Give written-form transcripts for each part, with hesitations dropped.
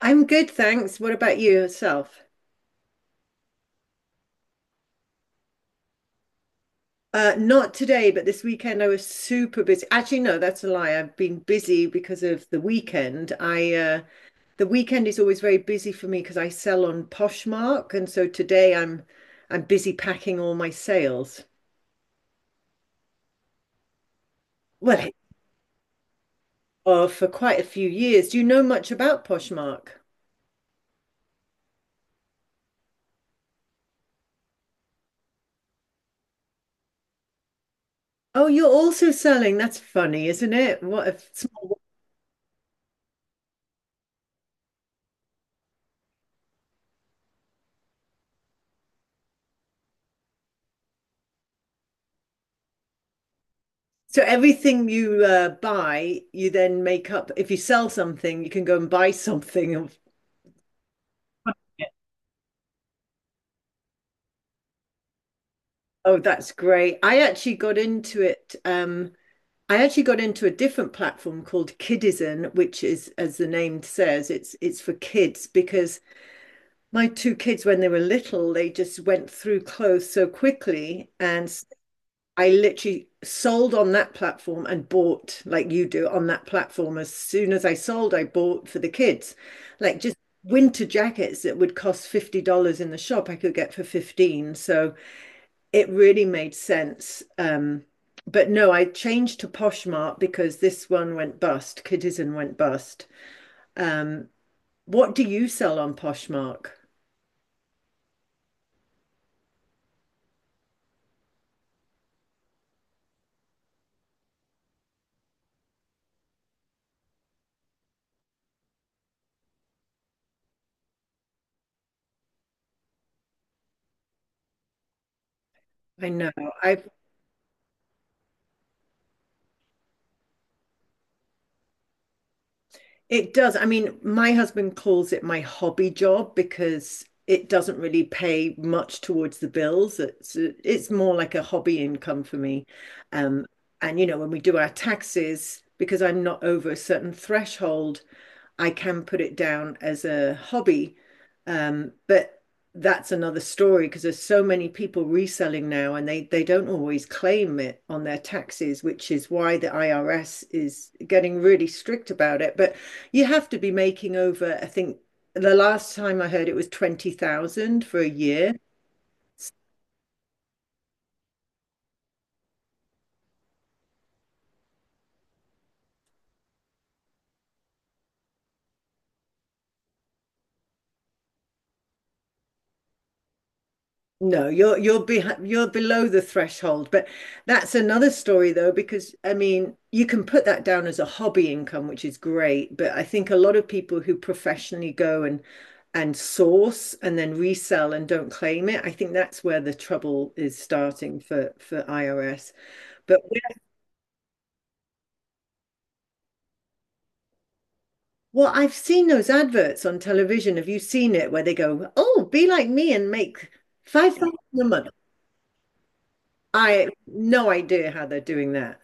I'm good, thanks. What about you yourself? Not today, but this weekend I was super busy. Actually, no, that's a lie. I've been busy because of the weekend. I The weekend is always very busy for me because I sell on Poshmark, and so today I'm busy packing all my sales. Well, oh, for quite a few years. Do you know much about Poshmark? Oh, you're also selling. That's funny, isn't it? What a. So everything you buy, you then make up. If you sell something, you can go and buy something. Of- oh, that's great. I actually got into it. I actually got into a different platform called Kidizen, which is, as the name says, it's for kids because my two kids, when they were little, they just went through clothes so quickly. And I literally sold on that platform and bought like you do on that platform. As soon as I sold, I bought for the kids, like just winter jackets that would cost $50 in the shop, I could get for 15. So it really made sense. But no, I changed to Poshmark because this one went bust. Kidizen went bust. Um, what do you sell on Poshmark? I know. I've it does. I mean, my husband calls it my hobby job because it doesn't really pay much towards the bills. It's more like a hobby income for me. Um, and you know, when we do our taxes, because I'm not over a certain threshold, I can put it down as a hobby. But that's another story because there's so many people reselling now and they don't always claim it on their taxes, which is why the IRS is getting really strict about it. But you have to be making over, I think the last time I heard it was 20,000 for a year. No, you're behind, you're below the threshold, but that's another story though, because I mean, you can put that down as a hobby income, which is great, but I think a lot of people who professionally go and source and then resell and don't claim it, I think that's where the trouble is starting for IRS. But well, I've seen those adverts on television. Have you seen it where they go, "Oh, be like me and make 5,000 a month." I have no idea how they're doing that.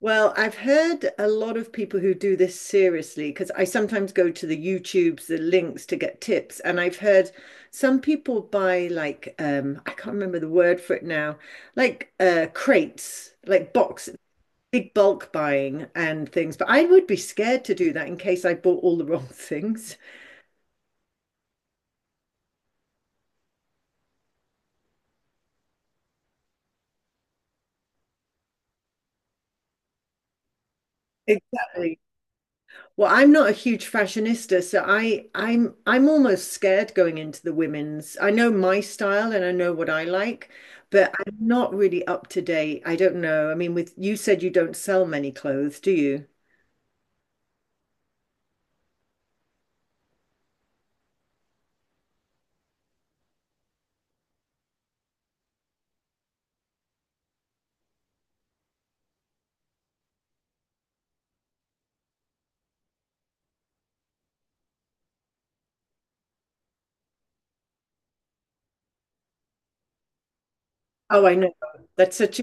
Well, I've heard a lot of people who do this seriously because I sometimes go to the YouTubes, the links to get tips. And I've heard some people buy like I can't remember the word for it now, like crates, like box, big bulk buying and things. But I would be scared to do that in case I bought all the wrong things. Exactly. Well, I'm not a huge fashionista, so I'm almost scared going into the women's. I know my style and I know what I like, but I'm not really up to date. I don't know. I mean, with you said you don't sell many clothes, do you? Oh, I know. That's such.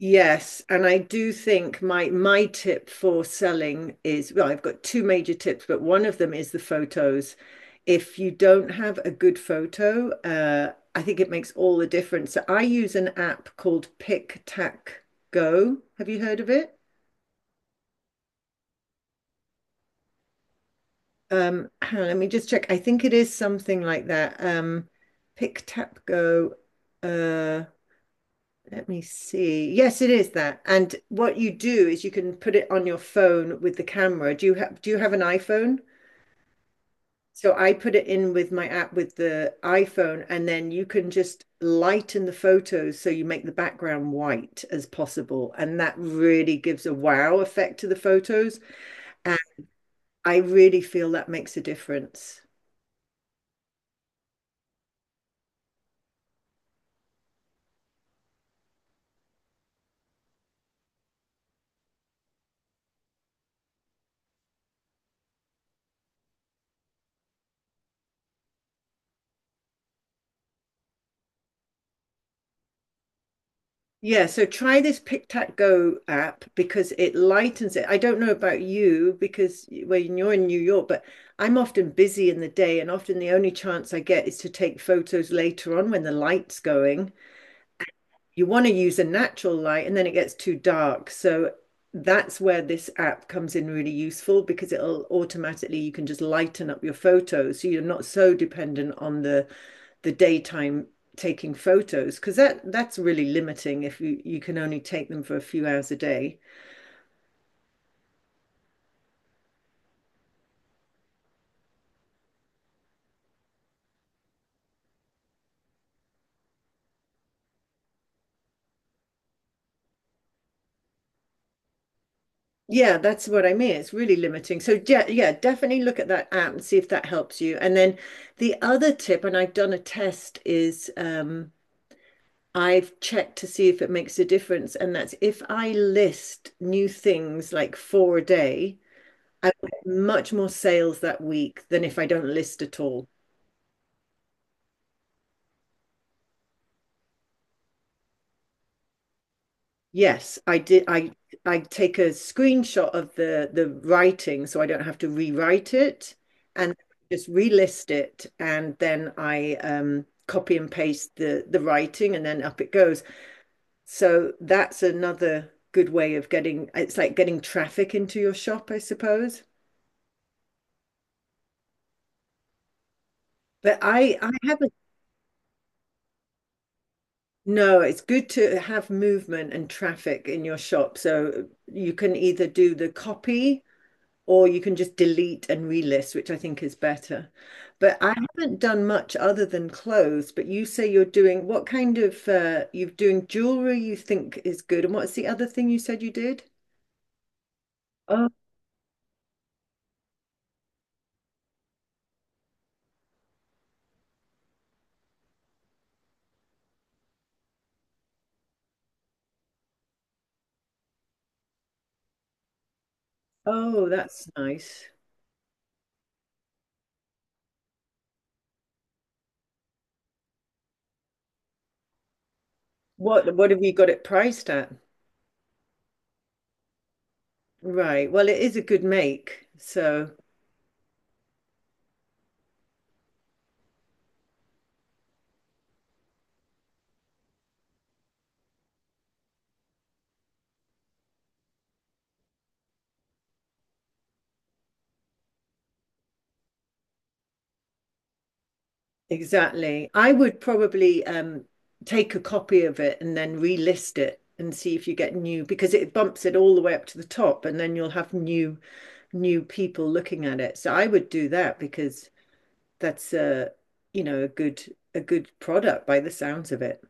Yes, and I do think my tip for selling is well, I've got two major tips, but one of them is the photos. If you don't have a good photo, I think it makes all the difference. So I use an app called Pick Tack Go. Have you heard of it? Hang on, let me just check. I think it is something like that. Pick Tap Go. Uh, Let me see. Yes, it is that. And what you do is you can put it on your phone with the camera. Do you have an iPhone? So I put it in with my app with the iPhone, and then you can just lighten the photos so you make the background white as possible. And that really gives a wow effect to the photos. And I really feel that makes a difference. Yeah, so try this PicTac Go app because it lightens it. I don't know about you because when you're in New York, but I'm often busy in the day, and often the only chance I get is to take photos later on when the light's going. You want to use a natural light and then it gets too dark. So that's where this app comes in really useful because it'll automatically you can just lighten up your photos so you're not so dependent on the daytime taking photos because that's really limiting if you can only take them for a few hours a day. Yeah, that's what I mean. It's really limiting. So yeah, yeah, definitely look at that app and see if that helps you. And then the other tip, and I've done a test, is I've checked to see if it makes a difference, and that's if I list new things like four a day, I get much more sales that week than if I don't list at all. Yes, I did. I take a screenshot of the writing so I don't have to rewrite it and just relist it and then I copy and paste the writing and then up it goes. So that's another good way of getting it's like getting traffic into your shop, I suppose. But I haven't no, it's good to have movement and traffic in your shop. So you can either do the copy. Or you can just delete and relist, which I think is better. But I haven't done much other than clothes. But you say you're doing what kind of you're doing jewelry you think is good, and what's the other thing you said you did? Oh, oh, that's nice. What have you got it priced at? Right. Well, it is a good make. So exactly. I would probably take a copy of it and then relist it and see if you get new because it bumps it all the way up to the top and then you'll have new people looking at it. So I would do that because that's a, you know, a good product by the sounds of it.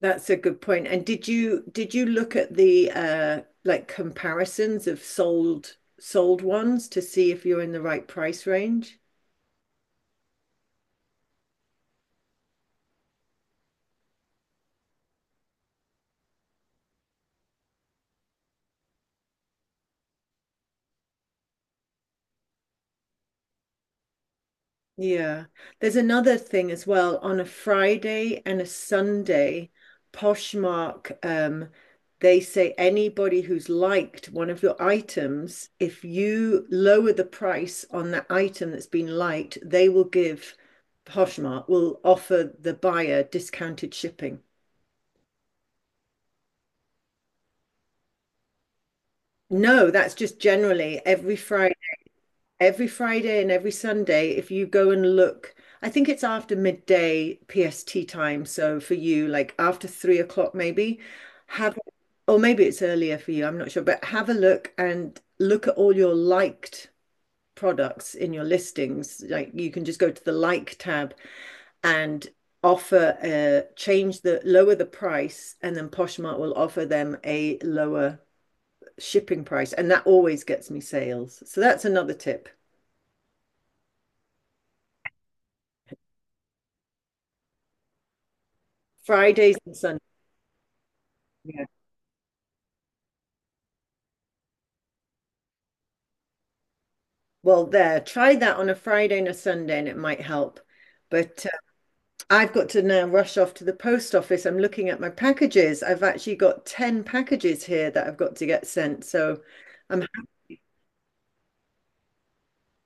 That's a good point. And did you look at the like comparisons of sold ones to see if you're in the right price range? Yeah. There's another thing as well. On a Friday and a Sunday, Poshmark, they say anybody who's liked one of your items, if you lower the price on that item that's been liked, they will give Poshmark will offer the buyer discounted shipping. No, that's just generally every Friday. Every Friday and every Sunday, if you go and look, I think it's after midday PST time. So for you, like after 3 o'clock, maybe have, or maybe it's earlier for you, I'm not sure, but have a look and look at all your liked products in your listings. Like you can just go to the like tab and offer a change the lower the price, and then Poshmark will offer them a lower shipping price. And that always gets me sales. So that's another tip. Fridays and Sundays. Yeah. Well, there, try that on a Friday and a Sunday, and it might help. But I've got to now rush off to the post office. I'm looking at my packages. I've actually got 10 packages here that I've got to get sent. So I'm,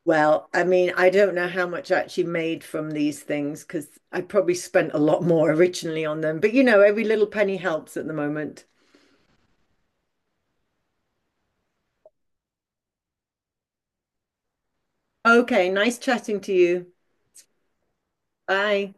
well, I mean, I don't know how much I actually made from these things because I probably spent a lot more originally on them. But you know, every little penny helps at the moment. Okay, nice chatting to you. Bye.